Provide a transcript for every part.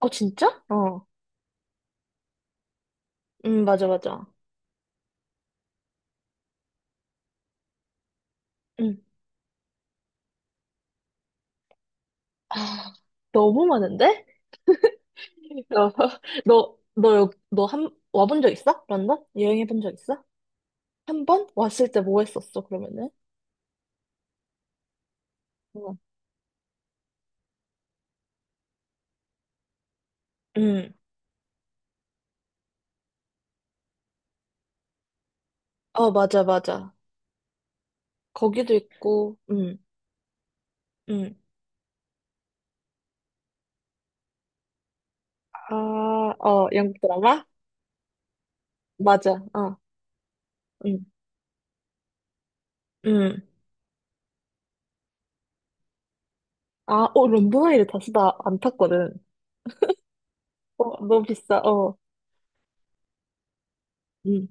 어, 진짜? 맞아, 맞아. 응. 아, 너무 많은데? 너, 너 와본 적 있어? 런던? 여행해 본 적 있어? 한 번? 왔을 때 뭐 했었어, 그러면은? 어. 응. 맞아, 맞아. 거기도 있고, 응, 응. 아, 어, 영국 드라마? 맞아, 어, 응. 응. 아, 어, 런던 아이를 다어나 안 탔거든. 어, 너무 비싸, 어. 응,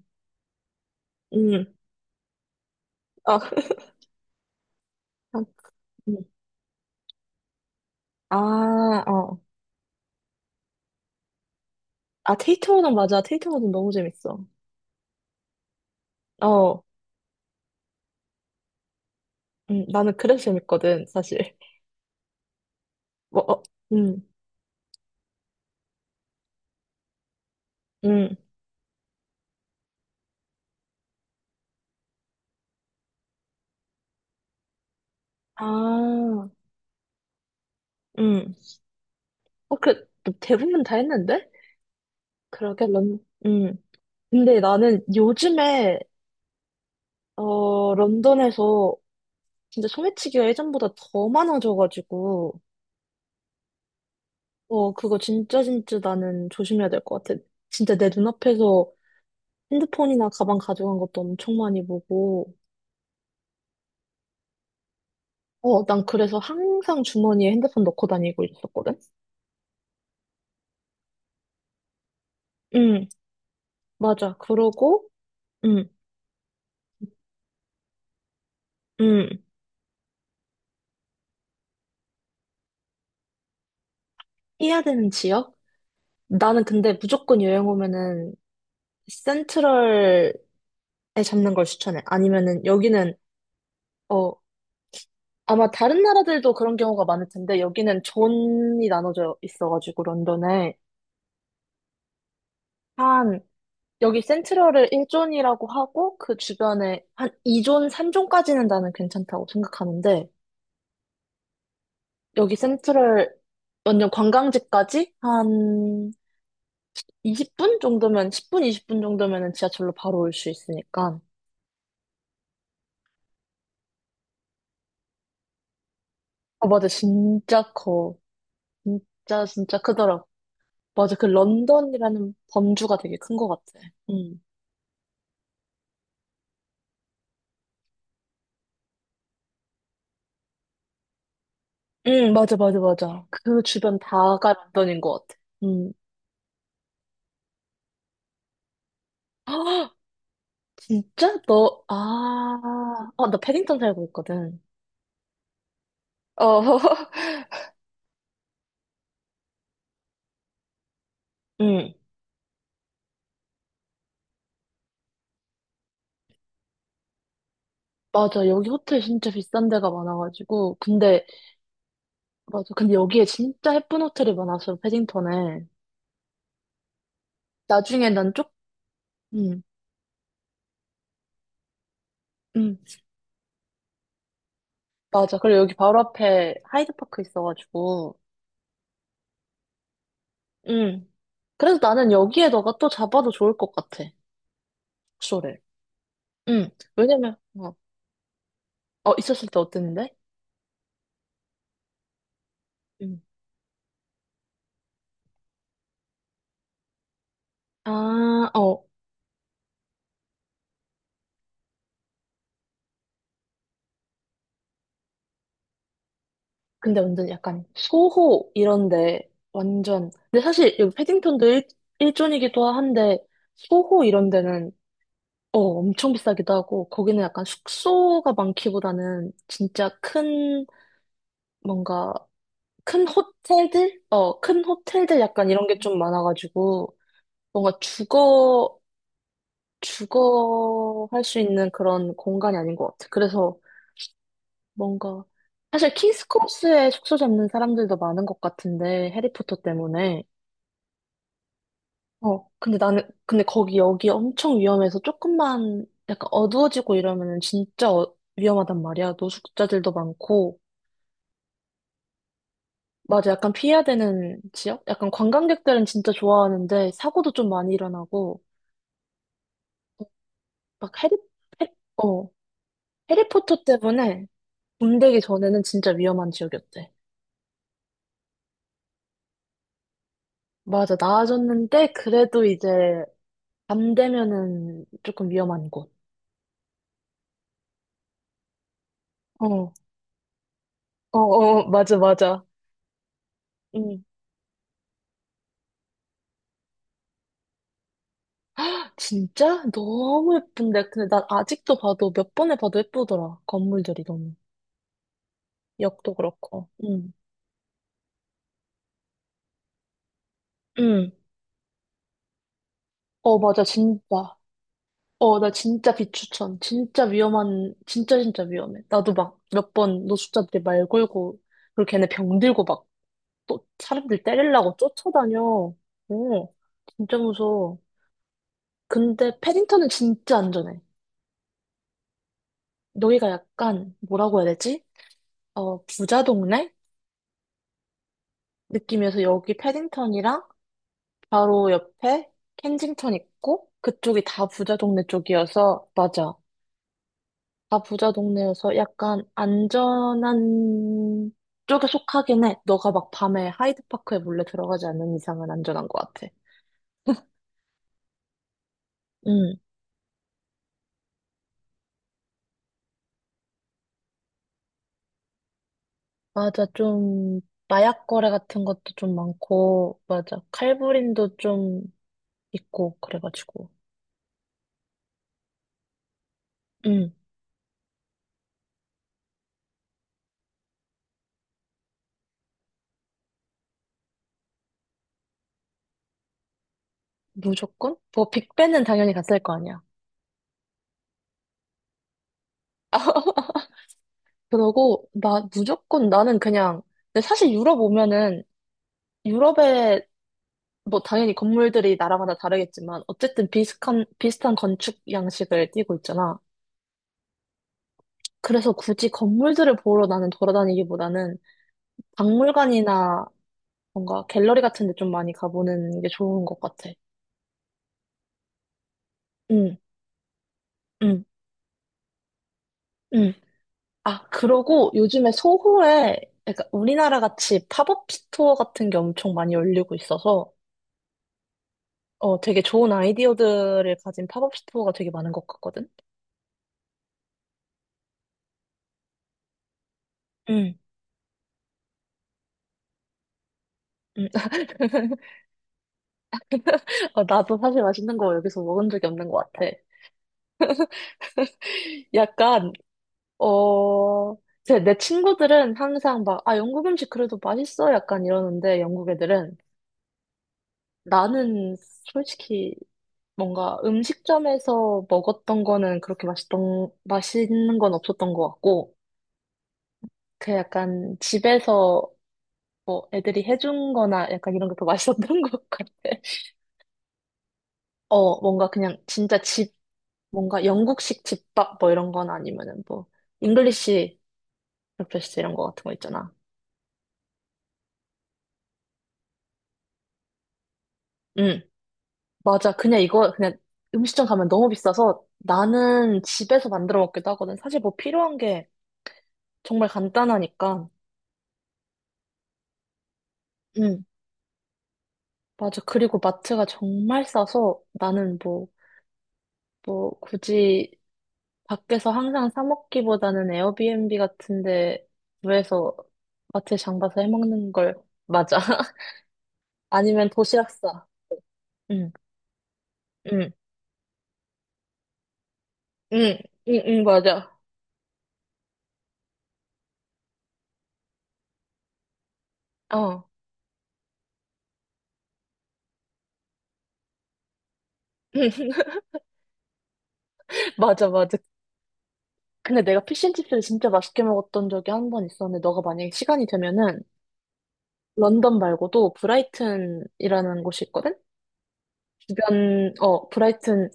음. 아, 응. 아, 어. 테이트 워낙 맞아. 테이트 워낙 너무 재밌어. 어, 나는 그래서 재밌거든, 사실. 뭐, 어, 음, 음. 아, 음. 어, 그, 뭐 대부분 다 했는데? 그러게, 런, 음. 근데 나는 요즘에, 어, 런던에서 진짜 소매치기가 예전보다 더 많아져가지고, 어, 그거 진짜 진짜 나는 조심해야 될 것 같아. 진짜 내 눈앞에서 핸드폰이나 가방 가져간 것도 엄청 많이 보고, 어, 난 그래서 항상 주머니에 핸드폰 넣고 다니고 있었거든? 응, 맞아. 그러고, 응, 응. 해야 되는 지역? 나는 근데 무조건 여행 오면은 센트럴에 잡는 걸 추천해. 아니면은 여기는, 어, 아마 다른 나라들도 그런 경우가 많을 텐데, 여기는 존이 나눠져 있어가지고, 런던에. 한, 여기 센트럴을 1존이라고 하고, 그 주변에 한 2존, 3존까지는 나는 괜찮다고 생각하는데, 여기 센트럴 완전 관광지까지 한 20분 정도면 10분 20분 정도면은 지하철로 바로 올 수 있으니까. 아, 맞아 진짜 커. 진짜 진짜 크더라. 맞아, 그 런던이라는 범주가 되게 큰 것 같아. 응, 응, 맞아, 맞아, 맞아. 그 주변 다가 런던인 것 같아. 응. 아 진짜 너 아, 아, 나 패딩턴 살고 있거든. 어. 응, 맞아. 여기 호텔 진짜 비싼 데가 많아가지고. 근데 맞아. 근데 여기에 진짜 예쁜 호텔이 많았어, 패딩턴에. 나중에 난 쪽, 응, 응, 맞아. 그리고 여기 바로 앞에 하이드파크 있어가지고, 응. 그래서 나는 여기에 너가 또 잡아도 좋을 것 같아, 쇼를. 응. 왜냐면, 어, 어, 있었을 때 어땠는데? 응. 아, 어. 근데 완전 약간 소호 이런데, 완전. 근데 사실 여기 일존이기도 한데, 소호 이런 데는 어, 엄청 비싸기도 하고, 거기는 약간 숙소가 많기보다는 뭔가, 큰 호텔들? 어, 큰 호텔들 약간 이런 게 좀 많아가지고, 뭔가 주거, 주거 할 수 있는 그런 공간이 아닌 것 같아. 뭔가, 사실 킹스 크로스에 숙소 잡는 사람들도 많은 것 같은데, 해리포터 때문에. 어, 근데 나는, 근데 거기 여기 엄청 위험해서 조금만 약간 어두워지고 이러면은 진짜 위험하단 말이야. 노숙자들도 많고. 맞아, 약간 피해야 되는 지역? 약간 관광객들은 진짜 좋아하는데 사고도 좀 많이 일어나고. 막 해리, 해, 어, 해리포터 때문에 붐되기 전에는 진짜 위험한 지역이었대. 맞아, 나아졌는데 그래도 이제 밤 되면은 조금 위험한 곳. 어, 어, 어, 맞아, 맞아. 응. 진짜? 너무 예쁜데. 근데 난 아직도 봐도 몇 번에 봐도 예쁘더라. 건물들이 너무. 역도 그렇고. 응. 응. 어, 맞아. 진짜. 어, 나 진짜 비추천. 진짜 진짜 진짜 위험해. 나도 막 몇 번 노숙자들이 말 걸고, 그리고 걔네 병 들고 막 또 사람들 때리려고 쫓아다녀. 어, 진짜 무서워. 근데 패딩턴은 진짜 안전해. 여기가 약간, 뭐라고 해야 되지? 어, 부자 동네? 느낌이어서 여기 패딩턴이랑 바로 옆에 켄징턴 있고 그쪽이 다 부자 동네 쪽이어서 맞아. 다 부자 동네여서 약간 안전한 쪽에 속하긴 해. 너가 막 밤에 하이드파크에 몰래 들어가지 않는 이상은 안전한 것 같아. 응, 맞아. 좀 마약 거래 같은 것도 좀 많고 맞아. 칼부림도 좀 있고 그래가지고. 응. 무조건 뭐 빅벤은 당연히 갔을 거 아니야. 그러고 나 무조건 나는 그냥 근데 사실 유럽 오면은 유럽에 뭐 당연히 건물들이 나라마다 다르겠지만 어쨌든 비슷한 건축 양식을 띠고 있잖아. 그래서 굳이 건물들을 보러 나는 돌아다니기보다는 박물관이나 뭔가 갤러리 같은 데 좀 많이 가보는 게 좋은 것 같아. 응, 응, 응. 아, 그러고 요즘에 소호에 그러니까 우리나라 같이 팝업 스토어 같은 게 엄청 많이 열리고 있어서 어, 되게 좋은 아이디어들을 가진 팝업 스토어가 되게 많은 것 같거든. 응, 응. 어, 나도 사실 맛있는 거 여기서 먹은 적이 없는 것 같아. 약간, 어, 내 친구들은 항상 막, 아, 영국 음식 그래도 맛있어? 약간 이러는데, 영국 애들은. 나는 솔직히 뭔가 음식점에서 먹었던 거는 그렇게 맛있는 건 없었던 것 같고, 그 약간 집에서 뭐 애들이 해준 거나 약간 이런 게 더 맛있었던 것 같아. 어, 뭔가 그냥 진짜 집, 뭔가 영국식 집밥 뭐 이런 건 아니면은 뭐, 잉글리시 브렉퍼스트 이런 거 같은 거 있잖아. 응, 맞아. 그냥 음식점 가면 너무 비싸서 나는 집에서 만들어 먹기도 하거든. 사실 뭐 필요한 게 정말 간단하니까. 응, 맞아. 그리고 마트가 정말 싸서 나는 뭐, 굳이 밖에서 항상 사 먹기보다는 에어비앤비 같은 데 구해서 마트에 장 봐서 해 먹는 걸, 맞아. 아니면 도시락사. 응, 응, 응, 응, 맞아. 어. 맞아, 맞아. 근데 내가 피쉬앤칩스를 진짜 맛있게 먹었던 적이 한 번 있었는데, 너가 만약에 시간이 되면은, 런던 말고도 브라이튼이라는 곳이 있거든? 주변, 어, 브라이튼,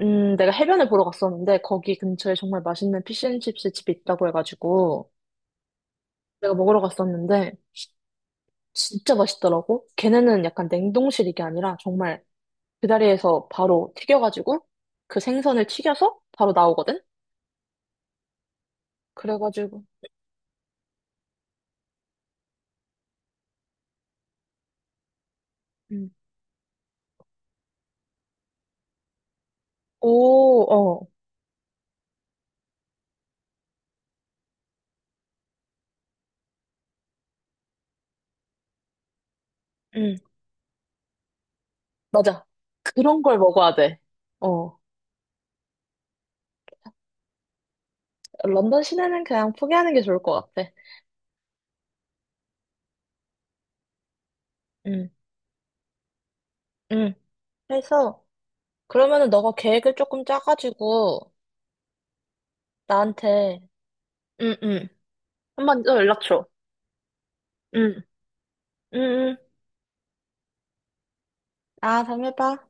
내가 해변을 보러 갔었는데, 거기 근처에 정말 맛있는 피쉬앤칩스 집이 있다고 해가지고, 내가 먹으러 갔었는데, 진짜 맛있더라고. 걔네는 약간 냉동실 이게 아니라, 정말 그 다리에서 바로 튀겨가지고 그 생선을 튀겨서 바로 나오거든? 그래가지고, 음. 오, 어, 음, 맞아. 그런 걸 먹어야 돼. 어, 런던 시내는 그냥 포기하는 게 좋을 것 같아. 음, 음. 그래서, 그러면은 너가 계획을 조금 짜가지고, 나한테, 응, 응. 한번 더 연락 줘. 응, 응, 응. 아, 다음에 봐.